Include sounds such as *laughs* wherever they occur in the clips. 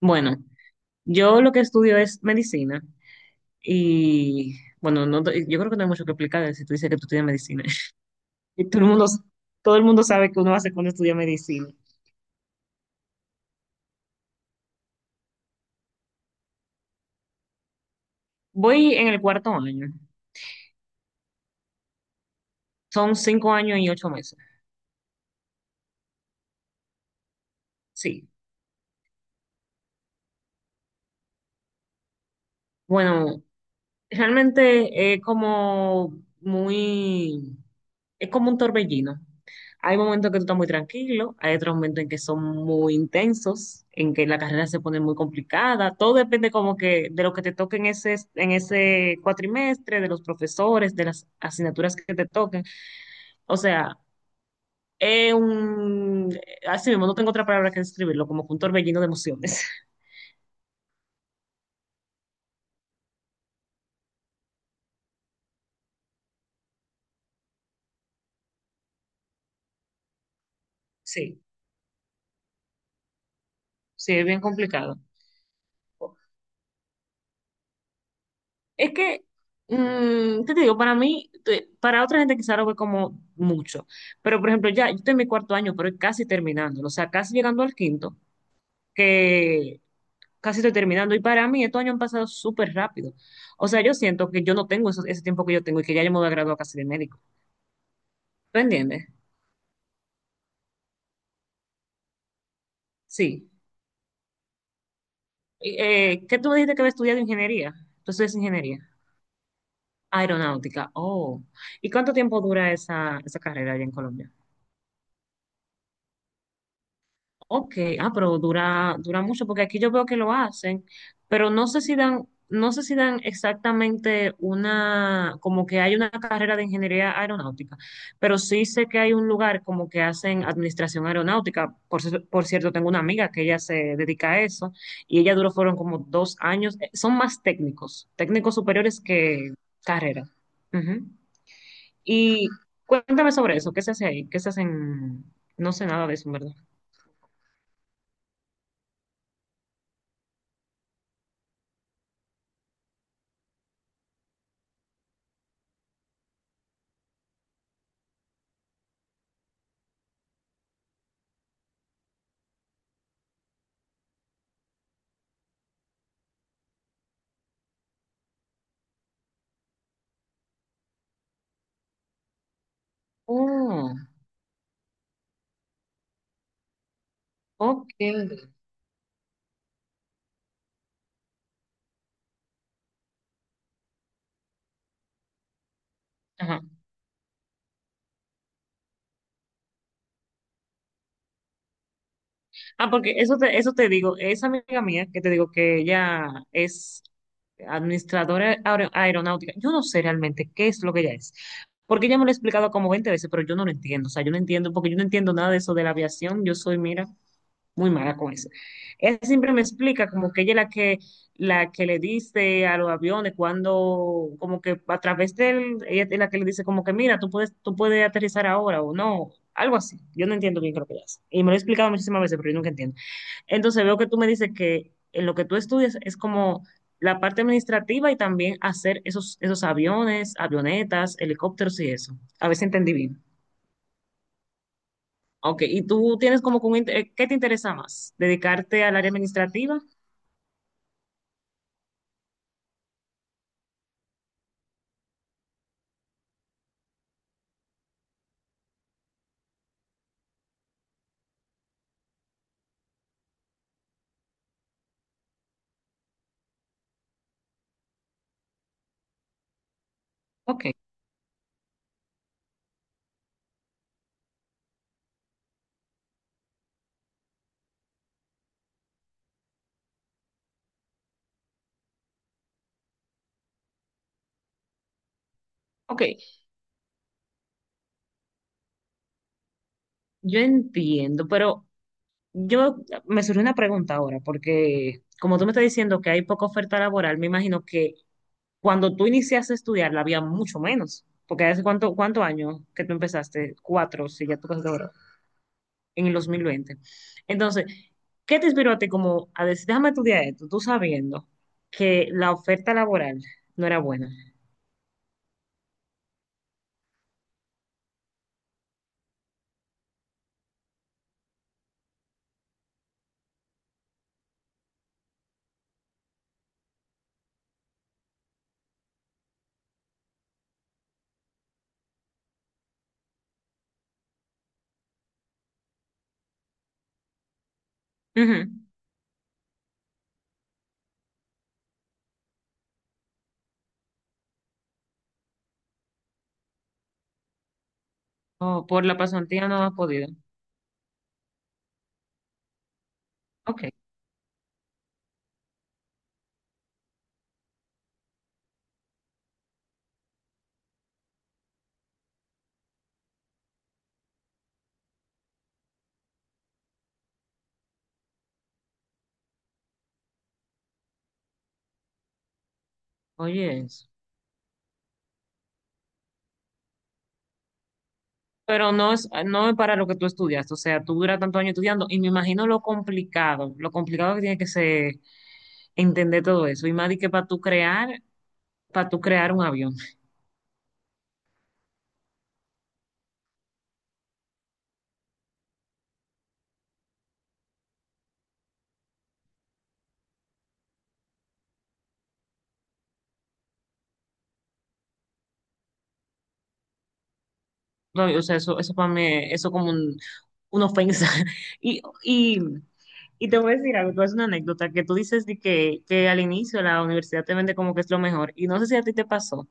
Bueno, yo lo que estudio es medicina y bueno, no, te- yo creo que no hay mucho que explicar si tú dices que tú estudias medicina. *laughs* Y todo el mundo sabe que uno hace cuando estudia medicina. Voy en el cuarto año. Son 5 años y 8 meses. Sí. Bueno, realmente es como muy, es como un torbellino. Hay momentos que tú estás muy tranquilo, hay otros momentos en que son muy intensos, en que la carrera se pone muy complicada. Todo depende como que de lo que te toque en ese cuatrimestre, de los profesores, de las asignaturas que te toquen. O sea, es un, así mismo, no tengo otra palabra que describirlo, como que un torbellino de emociones. *laughs* Sí, sí, es bien complicado. Es que, ¿qué te digo? Para mí, para otra gente quizá lo ve como mucho, pero por ejemplo, ya, yo estoy en mi cuarto año, pero casi terminándolo, o sea, casi llegando al quinto, que casi estoy terminando, y para mí estos años han pasado súper rápido. O sea, yo siento que yo no tengo ese tiempo que yo tengo y que ya yo me voy a graduar casi de médico. ¿Tú entiendes? Sí. Y, ¿qué tú me dijiste que había estudiado ingeniería? Tú estudias ingeniería. Aeronáutica. Oh. ¿Y cuánto tiempo dura esa carrera allá en Colombia? Ok, ah, pero dura mucho, porque aquí yo veo que lo hacen, pero no sé si dan exactamente una, como que hay una carrera de ingeniería aeronáutica, pero sí sé que hay un lugar como que hacen administración aeronáutica. Por cierto, tengo una amiga que ella se dedica a eso, y ella duró, fueron como 2 años, son más técnicos, técnicos superiores que carrera. Ujú. Y cuéntame sobre eso, ¿qué se hace ahí? ¿Qué se hace en, no sé nada de eso, en verdad. Ok. Ajá. Ah, porque eso te digo, esa amiga mía que te digo que ella es administradora aeronáutica, yo no sé realmente qué es lo que ella es, porque ella me lo ha explicado como 20 veces, pero yo no lo entiendo, o sea, yo no entiendo, porque yo no entiendo nada de eso de la aviación, yo soy, mira, muy mala con eso. Ella siempre me explica como que ella es la que le dice a los aviones cuando, como que a través de él, ella es la que le dice como que mira, tú puedes aterrizar ahora o no, algo así. Yo no entiendo bien qué es lo que ella hace. Y me lo he explicado muchísimas veces, pero yo nunca entiendo. Entonces veo que tú me dices que en lo que tú estudias es como la parte administrativa y también hacer esos aviones, avionetas, helicópteros y eso. A ver si entendí bien. Ok, ¿y tú tienes como que un qué te interesa más? ¿Dedicarte al área administrativa? Ok, ok, yo entiendo, pero yo me surge una pregunta ahora, porque como tú me estás diciendo que hay poca oferta laboral, me imagino que cuando tú iniciaste a estudiar la había mucho menos, porque hace cuántos años que tú empezaste, cuatro, si ya tú estás ahora, en el 2020. Entonces, ¿qué te inspiró a ti como a decir, déjame estudiar esto, tú sabiendo que la oferta laboral no era buena? Ujú. O por la pasantía no has podido. Ok, oye. Pero no es para lo que tú estudias, o sea, tú duras tantos años estudiando y me imagino lo complicado que tiene que ser entender todo eso, y más de que para tú crear un avión, *laughs* No, o sea, eso para mí, eso como una ofensa, *laughs* y, y, y te voy a decir algo, tú es una anécdota, que tú dices que al inicio la universidad te vende como que es lo mejor, y no sé si a ti te pasó.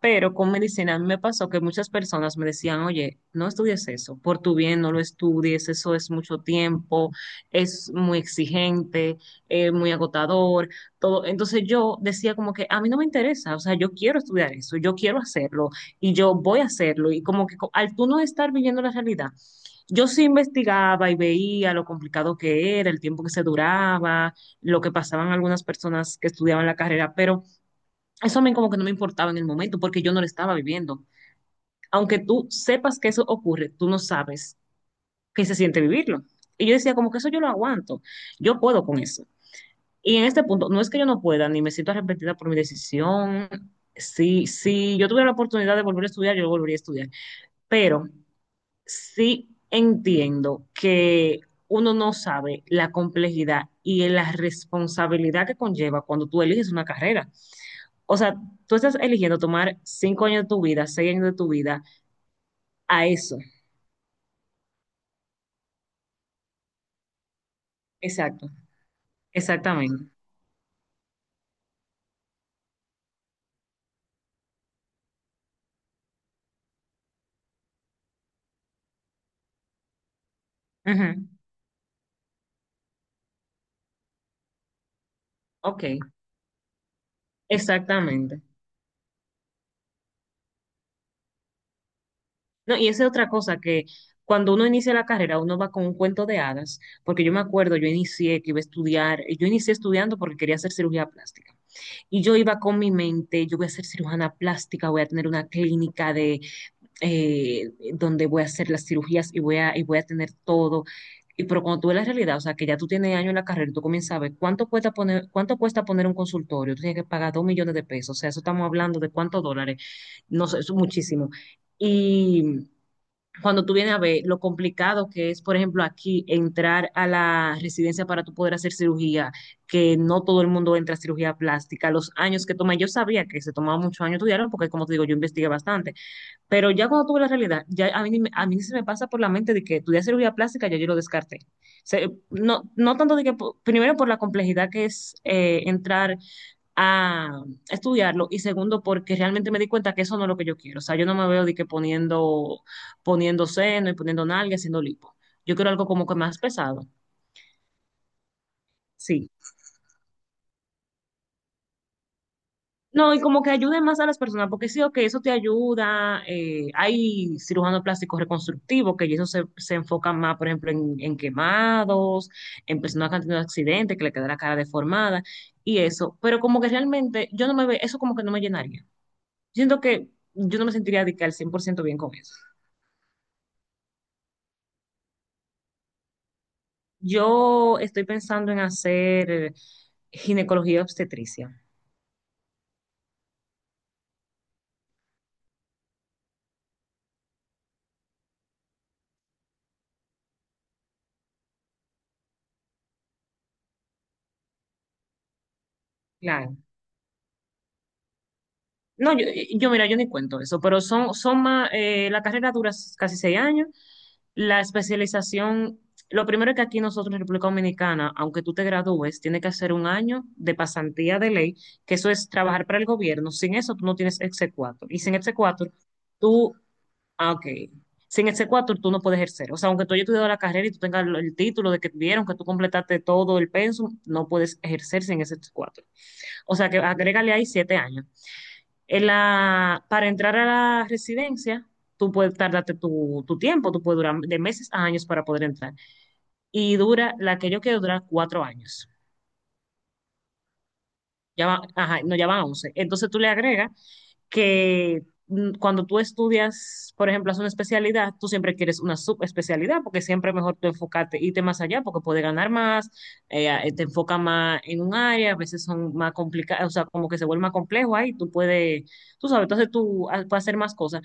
Pero con medicina a mí me pasó que muchas personas me decían, oye, no estudies eso, por tu bien no lo estudies, eso es mucho tiempo, es muy exigente, es muy agotador, todo. Entonces yo decía como que a mí no me interesa, o sea, yo quiero estudiar eso, yo quiero hacerlo y yo voy a hacerlo. Y como que al tú no estar viviendo la realidad, yo sí investigaba y veía lo complicado que era, el tiempo que se duraba, lo que pasaban algunas personas que estudiaban la carrera, pero eso a mí como que no me importaba en el momento porque yo no lo estaba viviendo. Aunque tú sepas que eso ocurre, tú no sabes qué se siente vivirlo. Y yo decía, como que eso yo lo aguanto, yo puedo con eso. Y en este punto, no es que yo no pueda, ni me siento arrepentida por mi decisión. Si yo tuviera la oportunidad de volver a estudiar, yo volvería a estudiar. Pero sí entiendo que uno no sabe la complejidad y la responsabilidad que conlleva cuando tú eliges una carrera. O sea, tú estás eligiendo tomar 5 años de tu vida, 6 años de tu vida a eso. Exacto, exactamente. Ujú, ok, exactamente. No, y esa es otra cosa que cuando uno inicia la carrera, uno va con un cuento de hadas, porque yo me acuerdo, yo inicié que iba a estudiar, yo inicié estudiando porque quería hacer cirugía plástica. Y yo iba con mi mente, yo voy a ser cirujana plástica, voy a tener una clínica de donde voy a hacer las cirugías y voy a tener todo. Y pero cuando tú ves la realidad, o sea, que ya tú tienes años en la carrera y tú comienzas a ver cuánto cuesta poner un consultorio, tú tienes que pagar 2 millones de pesos, o sea, eso estamos hablando de cuántos dólares, no sé, eso es muchísimo. Y cuando tú vienes a ver lo complicado que es, por ejemplo, aquí entrar a la residencia para tú poder hacer cirugía, que no todo el mundo entra a cirugía plástica, los años que toma, yo sabía que se tomaba muchos años estudiarlo, porque como te digo, yo investigué bastante, pero ya cuando tuve la realidad, ya a mí, ni me- a mí ni se me pasa por la mente de que estudiar cirugía plástica, ya yo lo descarté. O no, no tanto de que, primero por la complejidad que es entrar a estudiarlo, y segundo porque realmente me di cuenta que eso no es lo que yo quiero. O sea, yo no me veo de que poniendo seno y poniendo nalga, haciendo lipo. Yo quiero algo como que más pesado. Sí. No, y como que ayude más a las personas, porque sí, que eso te ayuda. Hay cirujanos plásticos reconstructivos que eso se enfocan más, por ejemplo, en quemados, en personas que han tenido accidentes, que le queda la cara deformada y eso. Pero como que realmente yo no me ve, eso como que no me llenaría. Siento que yo no me sentiría de que al 100% bien con eso. Yo estoy pensando en hacer ginecología y obstetricia. Claro. No, yo mira, yo ni cuento eso, pero son más, la carrera dura casi 6 años, la especialización, lo primero es que aquí nosotros en República Dominicana, aunque tú te gradúes, tienes que hacer 1 año de pasantía de ley, que eso es trabajar para el gobierno, sin eso tú no tienes exequatur, y sin exequatur tú, ah, ok, sin exequatur tú no puedes ejercer, o sea, aunque tú hayas estudiado la carrera y tú tengas el título de que vieron que tú completaste todo el pensum, no puedes ejercer sin ese exequatur, o sea, que agrégale ahí 7 años. Para entrar a la residencia, tú puedes tardarte tu tiempo, tú puedes durar de meses a años para poder entrar. Y dura, la que yo quiero durar 4 años. Ya va, ajá, no, ya van 11. Entonces tú le agregas que cuando tú estudias, por ejemplo, haces una especialidad, tú siempre quieres una subespecialidad porque siempre es mejor tú enfocarte, irte más allá porque puedes ganar más, te enfoca más en un área, a veces son más complicadas, o sea, como que se vuelve más complejo ahí, tú puedes, tú sabes, entonces tú puedes hacer más cosas.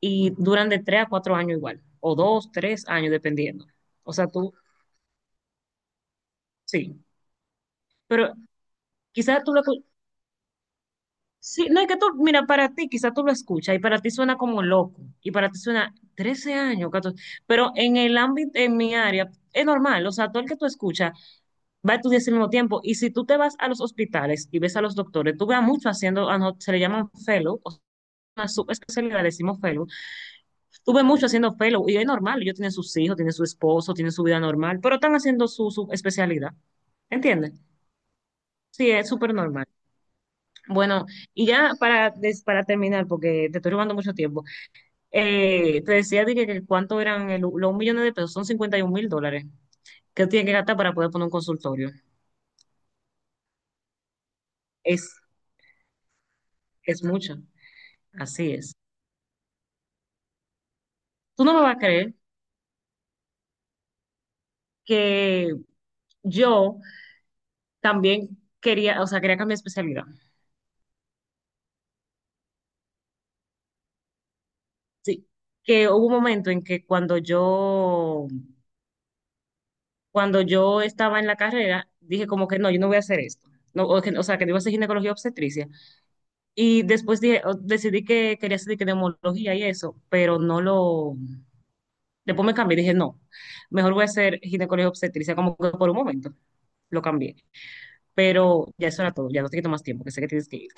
Y duran de 3 a 4 años igual, o dos, tres años, dependiendo. O sea, tú, sí, pero quizás tú lo sí, no, es que tú, mira, para ti quizás tú lo escuchas y para ti suena como loco, y para ti suena 13 años, 14, pero en el ámbito, en mi área, es normal, o sea, todo el que tú escuchas va a estudiar al mismo tiempo, y si tú te vas a los hospitales y ves a los doctores, tú veas mucho haciendo, se le llaman fellow, o sea, una subespecialidad, decimos fellow. Tuve mucho haciendo fellow y es normal, ellos tienen sus hijos, tienen su esposo, tienen su vida normal, pero están haciendo su especialidad. ¿Entiendes? Sí, es súper normal. Bueno, y ya para, para terminar, porque te estoy robando mucho tiempo, te decía de que cuánto eran los millones de pesos, son $51,000 que tiene que gastar para poder poner un consultorio. Es, es mucho, así es. Tú no me vas a creer que yo también quería, o sea, quería cambiar de especialidad. Sí, que hubo un momento en que cuando yo estaba en la carrera, dije como que no, yo no voy a hacer esto. No, o, o sea, que no iba a hacer ginecología y obstetricia. Y después dije, decidí que quería hacer que neumología y eso, pero no lo... Después me cambié, dije, no, mejor voy a hacer ginecología y obstetricia, como que por un momento lo cambié. Pero ya eso era todo, ya no te quito más tiempo, que sé que tienes que ir.